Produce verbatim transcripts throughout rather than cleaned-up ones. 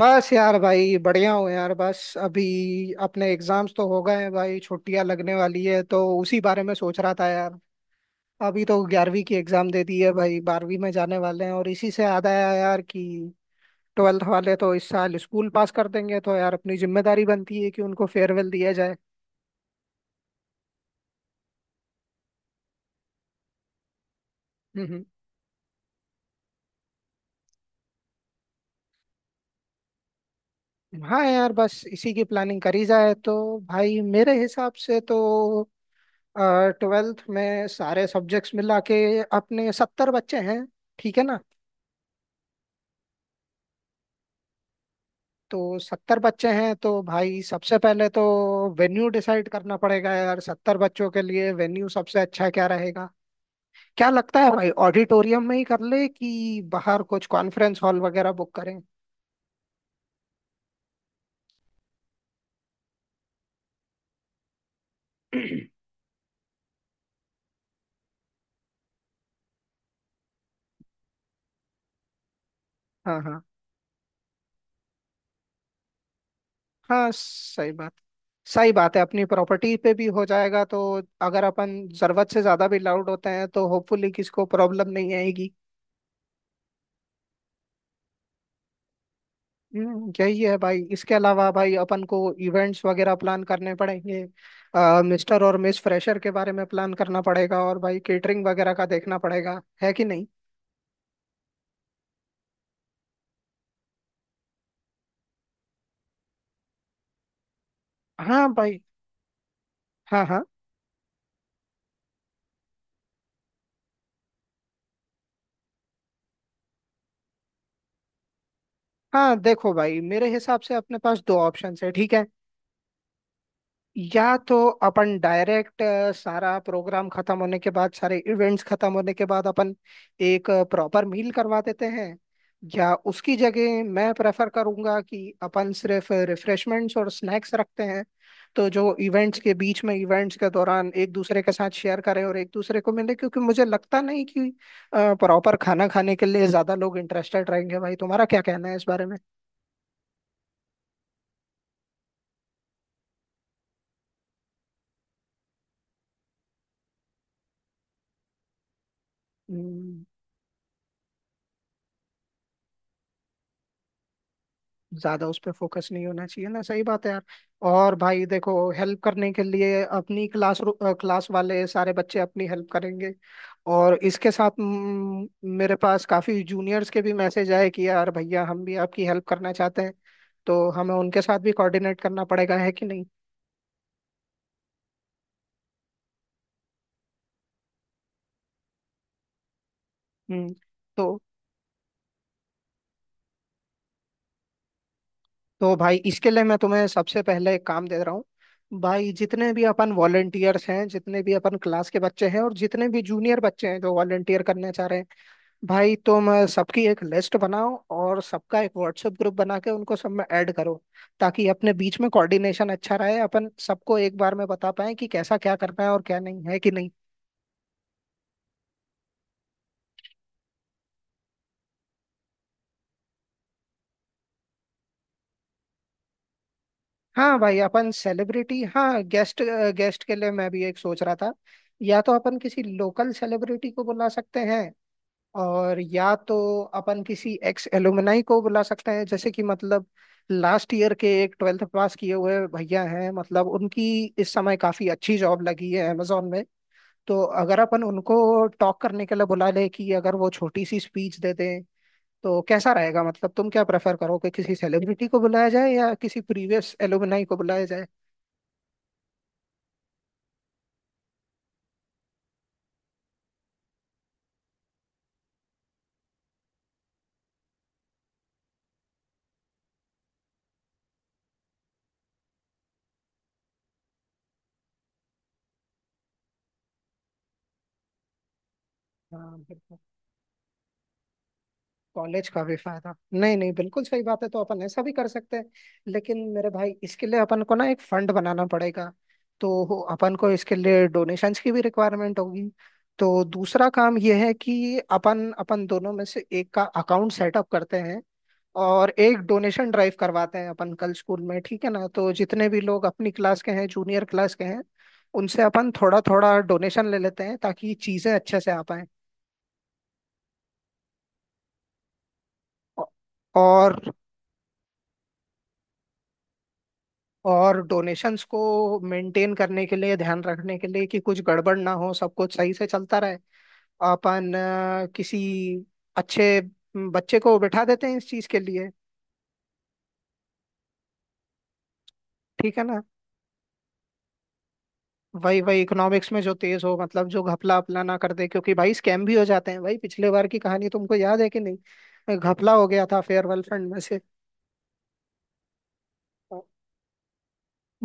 बस यार भाई बढ़िया हूँ यार, बस अभी अपने एग्जाम्स तो हो गए हैं भाई, छुट्टियां लगने वाली है तो उसी बारे में सोच रहा था यार। अभी तो ग्यारहवीं की एग्जाम दे दी है भाई, बारहवीं में जाने वाले हैं, और इसी से याद आया यार कि ट्वेल्थ वाले तो इस साल स्कूल पास कर देंगे, तो यार अपनी जिम्मेदारी बनती है कि उनको फेयरवेल दिया जाए। हम्म हम्म। हाँ यार, बस इसी की प्लानिंग करी जाए तो। भाई मेरे हिसाब से तो ट्वेल्थ में सारे सब्जेक्ट्स मिला के अपने सत्तर बच्चे हैं, ठीक है ना? तो सत्तर बच्चे हैं, तो भाई सबसे पहले तो वेन्यू डिसाइड करना पड़ेगा यार। सत्तर बच्चों के लिए वेन्यू सबसे अच्छा क्या रहेगा? क्या लगता है भाई, ऑडिटोरियम में ही कर ले कि बाहर कुछ कॉन्फ्रेंस हॉल वगैरह बुक करें? हाँ हाँ हाँ, सही बात सही बात है, अपनी प्रॉपर्टी पे भी हो जाएगा, तो अगर अपन जरूरत से ज्यादा भी लाउड होते हैं तो होपफुली किसी को प्रॉब्लम नहीं आएगी। हम्म, यही है भाई, इसके अलावा भाई अपन को इवेंट्स वगैरह प्लान करने पड़ेंगे। आ, मिस्टर और मिस फ्रेशर के बारे में प्लान करना पड़ेगा, और भाई केटरिंग वगैरह का देखना पड़ेगा, है कि नहीं? हाँ भाई, हाँ हाँ। हाँ देखो भाई, मेरे हिसाब से अपने पास दो ऑप्शंस है, ठीक है? या तो अपन डायरेक्ट सारा प्रोग्राम खत्म होने के बाद, सारे इवेंट्स खत्म होने के बाद, अपन एक प्रॉपर मील करवा देते हैं, या उसकी जगह मैं प्रेफर करूंगा कि अपन सिर्फ रिफ्रेशमेंट्स और स्नैक्स रखते हैं, तो जो इवेंट्स के बीच में, इवेंट्स के दौरान, एक दूसरे के साथ शेयर करें और एक दूसरे को मिले, क्योंकि मुझे लगता नहीं कि प्रॉपर खाना खाने के लिए ज्यादा लोग इंटरेस्टेड रहेंगे। भाई तुम्हारा क्या कहना है इस बारे में? हम्म, ज्यादा उस पर फोकस नहीं होना चाहिए ना, सही बात है यार। और भाई देखो, हेल्प करने के लिए अपनी क्लास क्लास वाले सारे बच्चे अपनी हेल्प करेंगे, और इसके साथ म, मेरे पास काफी जूनियर्स के भी मैसेज आए कि यार भैया हम भी आपकी हेल्प करना चाहते हैं, तो हमें उनके साथ भी कोऑर्डिनेट करना पड़ेगा, है कि नहीं? हम्म तो तो भाई इसके लिए मैं तुम्हें सबसे पहले एक काम दे रहा हूँ। भाई जितने भी अपन वॉलेंटियर्स हैं, जितने भी अपन क्लास के बच्चे हैं, और जितने भी जूनियर बच्चे हैं जो वॉलेंटियर करना चाह रहे हैं, भाई तुम अ, सबकी एक लिस्ट बनाओ, और सबका एक व्हाट्सएप ग्रुप बना के उनको सब में ऐड करो, ताकि अपने बीच में कोऑर्डिनेशन अच्छा रहे, अपन सबको एक बार में बता पाए कि कैसा क्या करना है और क्या नहीं, है कि नहीं? हाँ भाई, अपन सेलिब्रिटी, हाँ, गेस्ट, गेस्ट के लिए मैं भी एक सोच रहा था। या तो अपन किसी लोकल सेलिब्रिटी को बुला सकते हैं, और या तो अपन किसी एक्स एलुमनाई को बुला सकते हैं, जैसे कि मतलब लास्ट ईयर के एक ट्वेल्थ पास किए हुए भैया हैं, मतलब उनकी इस समय काफी अच्छी जॉब लगी है अमेजोन में। तो अगर अपन उनको टॉक करने के लिए बुला ले कि अगर वो छोटी सी स्पीच दे दें, तो कैसा रहेगा? मतलब तुम क्या प्रेफर करोगे, किसी सेलिब्रिटी को बुलाया जाए या किसी प्रीवियस एलुमनाई को बुलाया जाए? हाँ, कॉलेज का भी फायदा, नहीं नहीं, बिल्कुल सही बात है, तो अपन ऐसा भी कर सकते हैं। लेकिन मेरे भाई, इसके लिए अपन को ना एक फंड बनाना पड़ेगा, तो अपन को इसके लिए डोनेशंस की भी रिक्वायरमेंट होगी। तो दूसरा काम यह है कि अपन अपन दोनों में से एक का अकाउंट सेटअप करते हैं और एक डोनेशन ड्राइव करवाते हैं अपन, कल स्कूल में, ठीक है ना? तो जितने भी लोग अपनी क्लास के हैं, जूनियर क्लास के हैं, उनसे अपन थोड़ा थोड़ा डोनेशन ले लेते हैं, ताकि चीजें अच्छे से आ पाए। और और डोनेशंस को मेंटेन करने के लिए, ध्यान रखने के लिए कि कुछ गड़बड़ ना हो, सब कुछ सही से चलता रहे, अपन अ, किसी अच्छे बच्चे को बिठा देते हैं इस चीज के लिए। ठीक है ना? वही वही इकोनॉमिक्स में जो तेज हो, मतलब जो घपला अपला ना कर दे, क्योंकि भाई स्कैम भी हो जाते हैं भाई। पिछले बार की कहानी तुमको याद है कि नहीं? घपला हो गया था फेयरवेल फंड में से।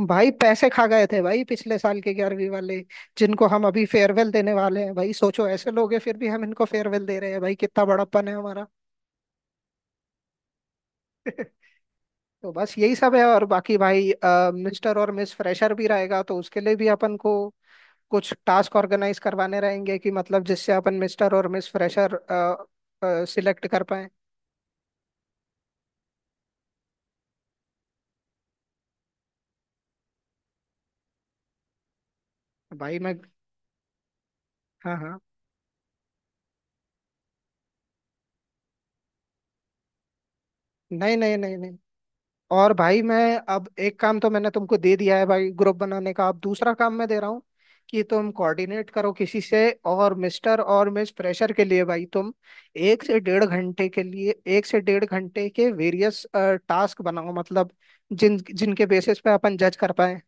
भाई पैसे खा गए थे भाई पिछले साल के ग्यारहवीं वाले, जिनको हम अभी फेयरवेल देने वाले हैं। भाई सोचो, ऐसे लोग हैं फिर भी हम इनको फेयरवेल दे रहे हैं, भाई कितना बड़प्पन है हमारा। तो बस यही सब है, और बाकी भाई मिस्टर और मिस फ्रेशर भी रहेगा, तो उसके लिए भी अपन को कुछ टास्क ऑर्गेनाइज करवाने रहेंगे, कि मतलब जिससे अपन मिस्टर और मिस फ्रेशर सिलेक्ट कर पाए। भाई मैं, हाँ हाँ, नहीं नहीं नहीं नहीं, और भाई मैं, अब एक काम तो मैंने तुमको दे दिया है भाई, ग्रुप बनाने का। अब दूसरा काम मैं दे रहा हूँ, कि तुम कोऑर्डिनेट करो किसी से, और मिस्टर और मिस फ्रेशर के लिए भाई तुम एक से डेढ़ घंटे के लिए एक से डेढ़ घंटे के वेरियस टास्क बनाओ, मतलब जिन जिनके बेसिस पे अपन जज कर पाए।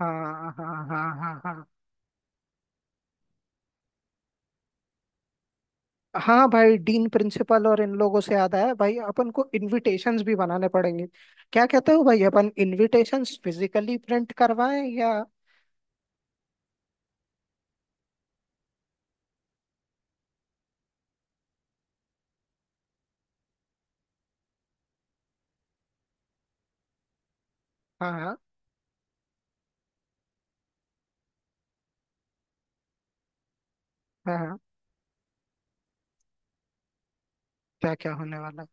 हाँ हाँ हाँ हाँ हाँ। हाँ भाई, डीन प्रिंसिपल और इन लोगों से याद आया भाई, अपन को इनविटेशंस भी बनाने पड़ेंगे। क्या कहते हो भाई, अपन इनविटेशंस फिजिकली प्रिंट करवाएं या? हाँ हाँ हाँ। क्या क्या होने वाला है।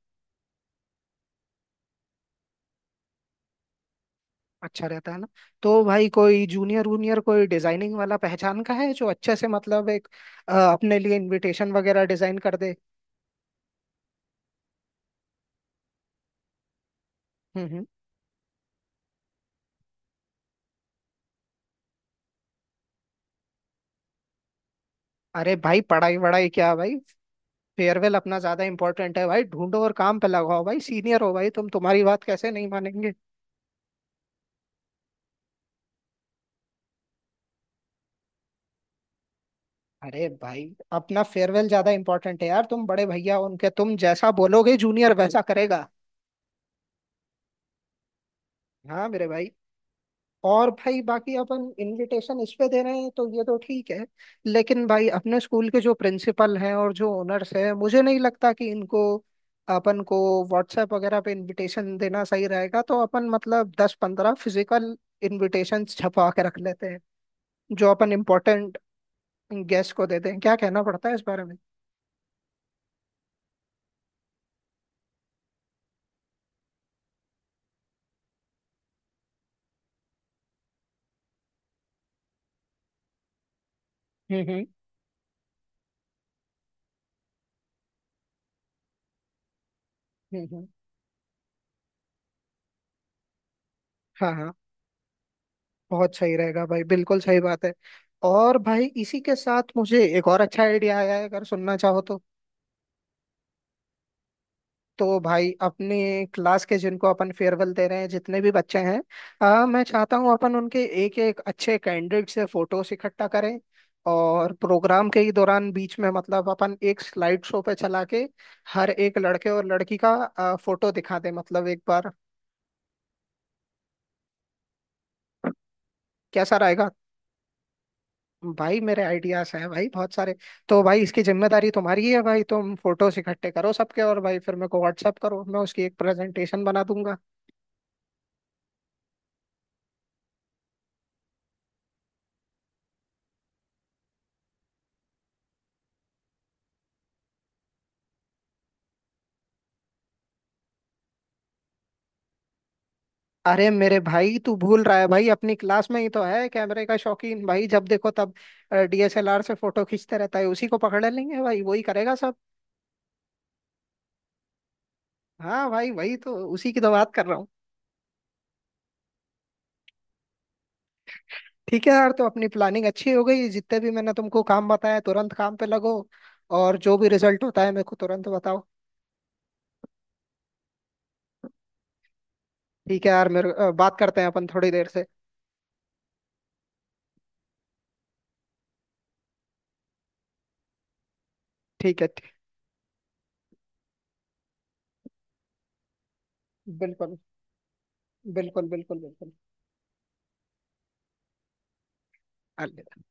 अच्छा रहता है ना। तो भाई कोई जूनियर वूनियर, कोई डिजाइनिंग वाला पहचान का है जो अच्छे से मतलब एक अ, अपने लिए इनविटेशन वगैरह डिजाइन कर दे? हम्म हम्म। अरे भाई, पढ़ाई वढ़ाई क्या भाई, फेयरवेल अपना ज्यादा इंपॉर्टेंट है भाई, ढूंढो और काम पे लगाओ, भाई सीनियर हो भाई तुम, तुम्हारी बात कैसे नहीं मानेंगे? अरे भाई, अपना फेयरवेल ज्यादा इंपॉर्टेंट है यार, तुम बड़े भैया हो उनके, तुम जैसा बोलोगे जूनियर वैसा करेगा। हाँ मेरे भाई। और भाई बाकी, अपन इनविटेशन इस पे दे रहे हैं तो ये तो ठीक है, लेकिन भाई अपने स्कूल के जो प्रिंसिपल हैं और जो ओनर्स हैं, मुझे नहीं लगता कि इनको अपन को व्हाट्सएप वगैरह पे इनविटेशन देना सही रहेगा, तो अपन मतलब दस पंद्रह फिजिकल इनविटेशन छपवा के रख लेते हैं, जो अपन इम्पोर्टेंट गेस्ट को देते हैं। क्या कहना पड़ता है इस बारे में? हम्म हम्म हम्म हम्म। हाँ हाँ, बहुत सही रहेगा भाई, बिल्कुल सही बात है। और भाई इसी के साथ मुझे एक और अच्छा आइडिया आया है, अगर सुनना चाहो तो। तो भाई अपने क्लास के, जिनको अपन फेयरवेल दे रहे हैं, जितने भी बच्चे हैं, आ, मैं चाहता हूँ अपन उनके एक एक अच्छे कैंडिडेट से फोटोस इकट्ठा करें, और प्रोग्राम के ही दौरान बीच में, मतलब अपन एक स्लाइड शो पे चला के हर एक लड़के और लड़की का आ, फोटो दिखा दें, मतलब एक बार। कैसा रहेगा? भाई मेरे आइडियाज हैं भाई बहुत सारे। तो भाई इसकी जिम्मेदारी तुम्हारी ही है भाई, तुम फोटोस इकट्ठे करो सबके, और भाई फिर मेरे को व्हाट्सअप करो, मैं उसकी एक प्रेजेंटेशन बना दूंगा। अरे मेरे भाई, तू भूल रहा है भाई, अपनी क्लास में ही तो है कैमरे का शौकीन। भाई जब देखो तब डी एस एल आर से फोटो खींचते रहता है, उसी को पकड़ लेंगे भाई, वही करेगा सब। हाँ भाई, वही तो, उसी की तो बात कर रहा हूँ। ठीक है यार, तो अपनी प्लानिंग अच्छी हो गई। जितने भी मैंने तुमको काम बताया, तुरंत काम पे लगो, और जो भी रिजल्ट होता है मेरे को तुरंत बताओ। ठीक है यार मेरे, अ, बात करते हैं अपन थोड़ी देर से। ठीक है ठीक- बिल्कुल, बिल्कुल बिल्कुल बिल्कुल। अलविदा।